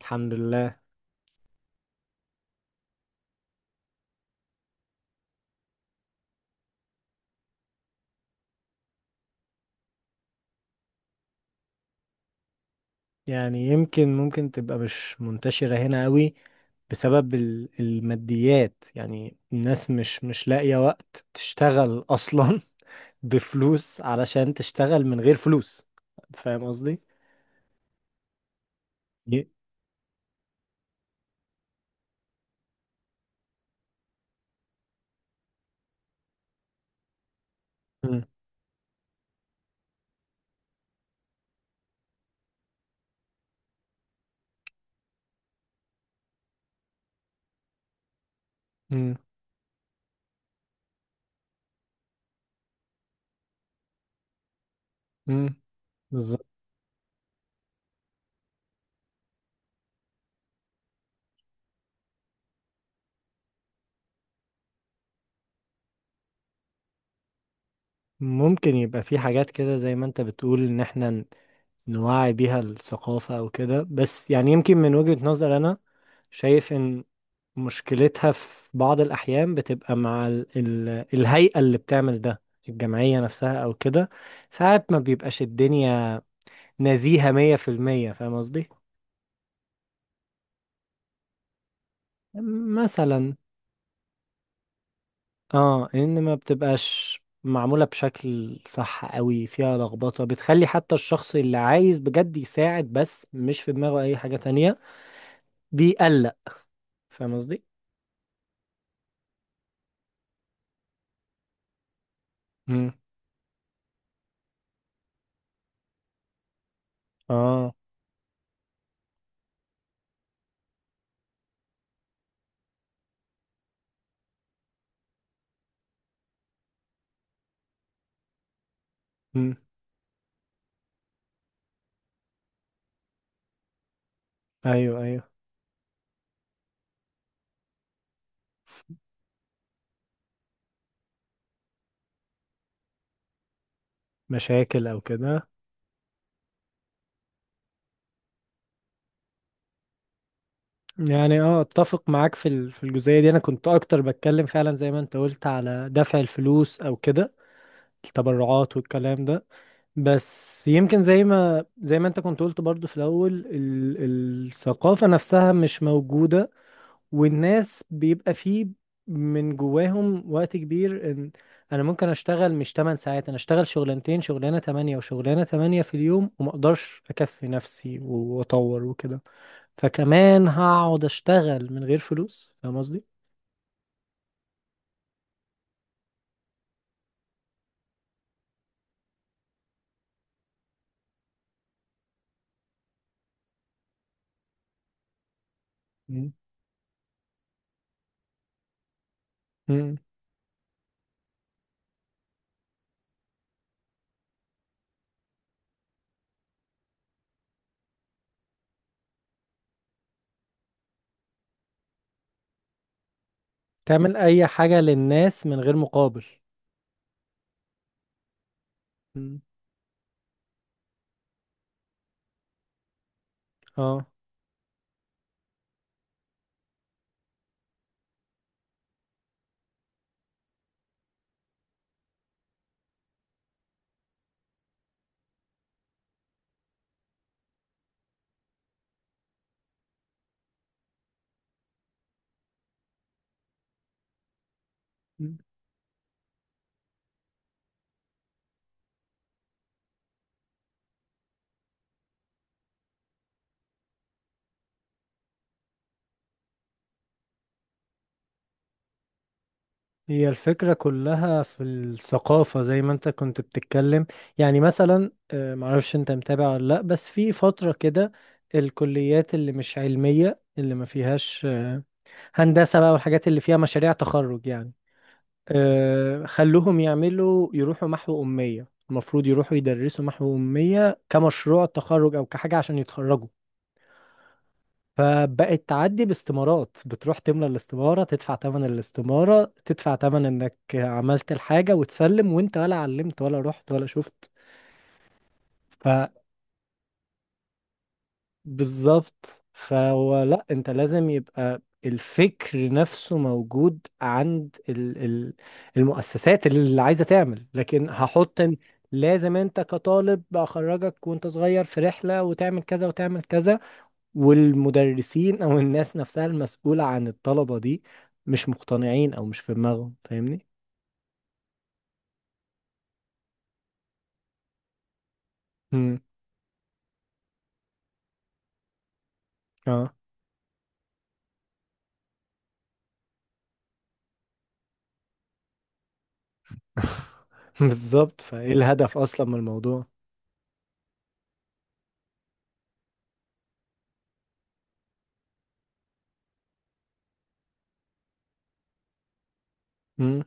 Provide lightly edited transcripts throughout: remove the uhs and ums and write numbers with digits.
الحمد لله. يعني يمكن ممكن تبقى مش منتشرة هنا قوي بسبب الماديات. يعني الناس مش لاقية وقت تشتغل أصلا بفلوس، علشان تشتغل من غير فلوس. فاهم قصدي؟ ي- مم. مم. مم. بالظبط. ممكن يبقى في حاجات كده زي ما انت بتقول ان احنا نوعي بيها الثقافة او كده. بس يعني يمكن من وجهة نظر انا شايف ان مشكلتها في بعض الأحيان بتبقى مع ال الهيئة اللي بتعمل ده، الجمعية نفسها أو كده. ساعات ما بيبقاش الدنيا نزيهة مية في المية. فاهم قصدي؟ مثلا. اه، إن ما بتبقاش معمولة بشكل صح قوي، فيها لخبطة بتخلي حتى الشخص اللي عايز بجد يساعد بس مش في دماغه أي حاجة تانية بيقلق. فاهم قصدي؟ مم. اه. مم. أيوه، أيوه. مشاكل أو كده. يعني اه، اتفق معاك في في الجزئية دي. انا كنت اكتر بتكلم فعلا زي ما انت قلت على دفع الفلوس او كده، التبرعات والكلام ده. بس يمكن زي ما انت كنت قلت برضو في الاول الثقافة نفسها مش موجودة، والناس بيبقى فيه من جواهم وقت كبير ان انا ممكن اشتغل مش 8 ساعات، انا اشتغل شغلانتين، شغلانة 8 وشغلانة 8 في اليوم، وما اقدرش اكفي نفسي واطور وكده. فكمان هقعد اشتغل من غير فلوس؟ فاهم قصدي. مم. مم. تعمل اي حاجة للناس من غير مقابل. مم. اه. مم. هي الفكرة كلها في الثقافة زي ما انت كنت بتتكلم. يعني مثلا آه، معرفش انت متابع ولا لا. بس في فترة كده الكليات اللي مش علمية، اللي ما فيهاش آه، هندسة بقى والحاجات اللي فيها مشاريع تخرج يعني، آه، خلوهم يعملوا يروحوا محو أمية. المفروض يروحوا يدرسوا محو أمية كمشروع تخرج أو كحاجة عشان يتخرجوا. فبقت تعدي باستمارات، بتروح تملى الاستمارة، تدفع تمن الاستمارة، تدفع تمن إنك عملت الحاجة وتسلم، وأنت ولا علمت ولا رحت ولا شفت. بالظبط. فهو لا، انت لازم يبقى الفكر نفسه موجود عند ال المؤسسات اللي عايزة تعمل، لكن هحط ان لازم انت كطالب اخرجك وانت صغير في رحلة وتعمل كذا وتعمل كذا. والمدرسين او الناس نفسها المسؤولة عن الطلبة دي مش مقتنعين او مش في دماغهم. فاهمني؟ امم. اه. بالظبط. فايه الهدف اصلا من الموضوع؟ امم.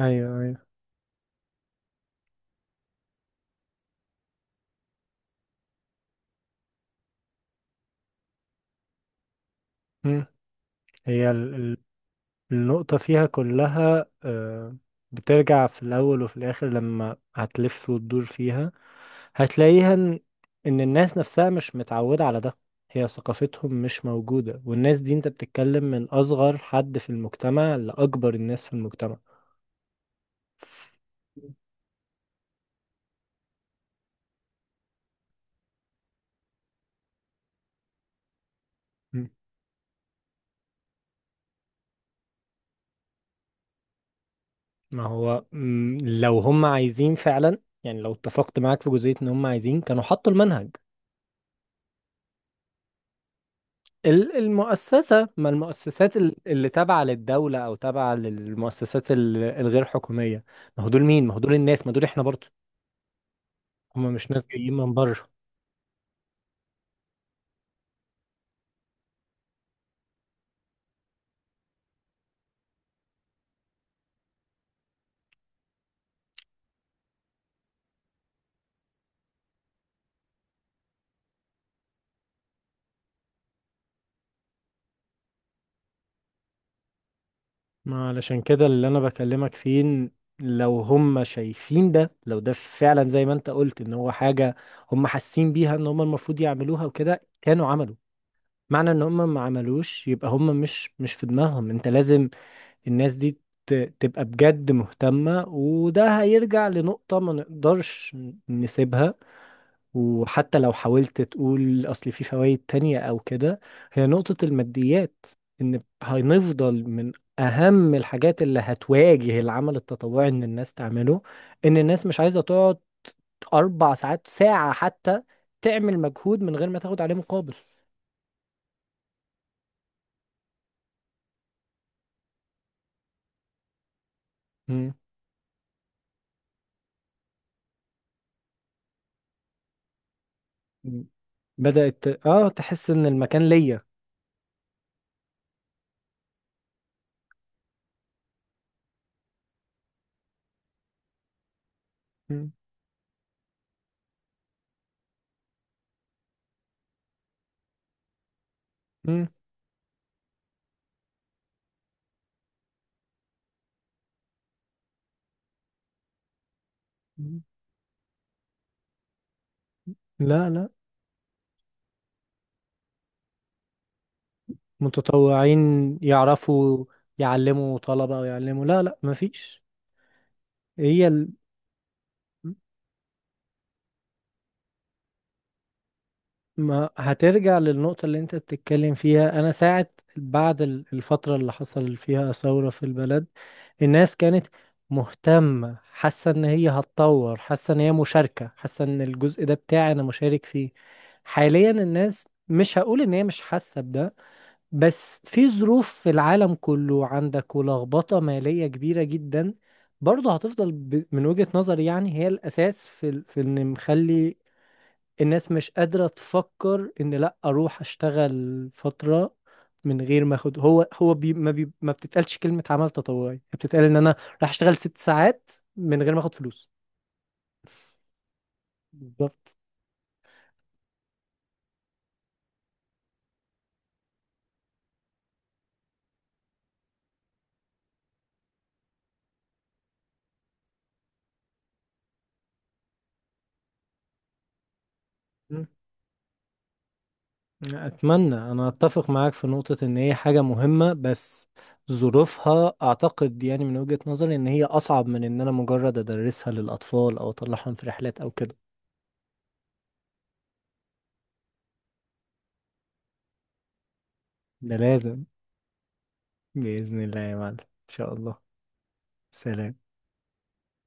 ايوه، ايوه. مم. هي النقطة فيها كلها آه، بترجع في الأول وفي الآخر لما هتلف وتدور فيها. هتلاقيها إن إن الناس نفسها مش متعودة على ده. هي ثقافتهم مش موجودة، والناس دي أنت بتتكلم من أصغر حد في المجتمع لأكبر الناس في المجتمع. م. ما هو لو هم عايزين فعلا، يعني لو اتفقت معاك في جزئية إن هم عايزين كانوا حطوا المنهج. المؤسسة، ما المؤسسات اللي تابعة للدولة أو تابعة للمؤسسات الغير حكومية. ما هو دول مين؟ ما هو دول الناس، ما دول إحنا برضو. هم مش ناس جايين من بره. ما علشان كده اللي أنا بكلمك فيه، إن لو هم شايفين ده، لو ده فعلا زي ما أنت قلت إن هو حاجة هم حاسين بيها إن هم المفروض يعملوها وكده، كانوا عملوا. معنى إن هم ما عملوش يبقى هم مش في دماغهم. أنت لازم الناس دي تبقى بجد مهتمة، وده هيرجع لنقطة ما نقدرش نسيبها. وحتى لو حاولت تقول أصل في فوائد تانية أو كده، هي نقطة الماديات، إن هنفضل من أهم الحاجات اللي هتواجه العمل التطوعي إن الناس تعمله، إن الناس مش عايزة تقعد 4 ساعات، ساعة حتى، تعمل مجهود من غير ما تاخد عليه مقابل. مم. بدأت آه تحس إن المكان ليا. مم. مم. لا، لا. متطوعين يعرفوا، يعلموا طلبة او يعلموا؟ لا، لا، مفيش. هي ال... ما هترجع للنقطة اللي انت بتتكلم فيها. انا ساعة بعد الفترة اللي حصل فيها ثورة في البلد، الناس كانت مهتمة، حاسة ان هي هتطور، حاسة ان هي مشاركة، حاسة ان الجزء ده بتاعي انا مشارك فيه. حاليا الناس مش هقول ان هي مش حاسة بده، بس في ظروف في العالم كله عندك ولخبطة مالية كبيرة جدا. برضه هتفضل ب... من وجهة نظري يعني هي الأساس في ال... في إن مخلي الناس مش قادرة تفكر إن لأ أروح أشتغل فترة من غير ما أخد. هو بي... ما بي... ما بتتقالش كلمة عمل تطوعي، بتتقال إن أنا راح أشتغل 6 ساعات من غير ما أخد فلوس. بالظبط. أتمنى. أنا أتفق معاك في نقطة إن هي حاجة مهمة، بس ظروفها أعتقد يعني من وجهة نظري إن هي أصعب من إن أنا مجرد أدرسها للأطفال أو أطلعهم في رحلات أو كده. ده لازم، بإذن الله يا معلم، إن شاء الله. سلام.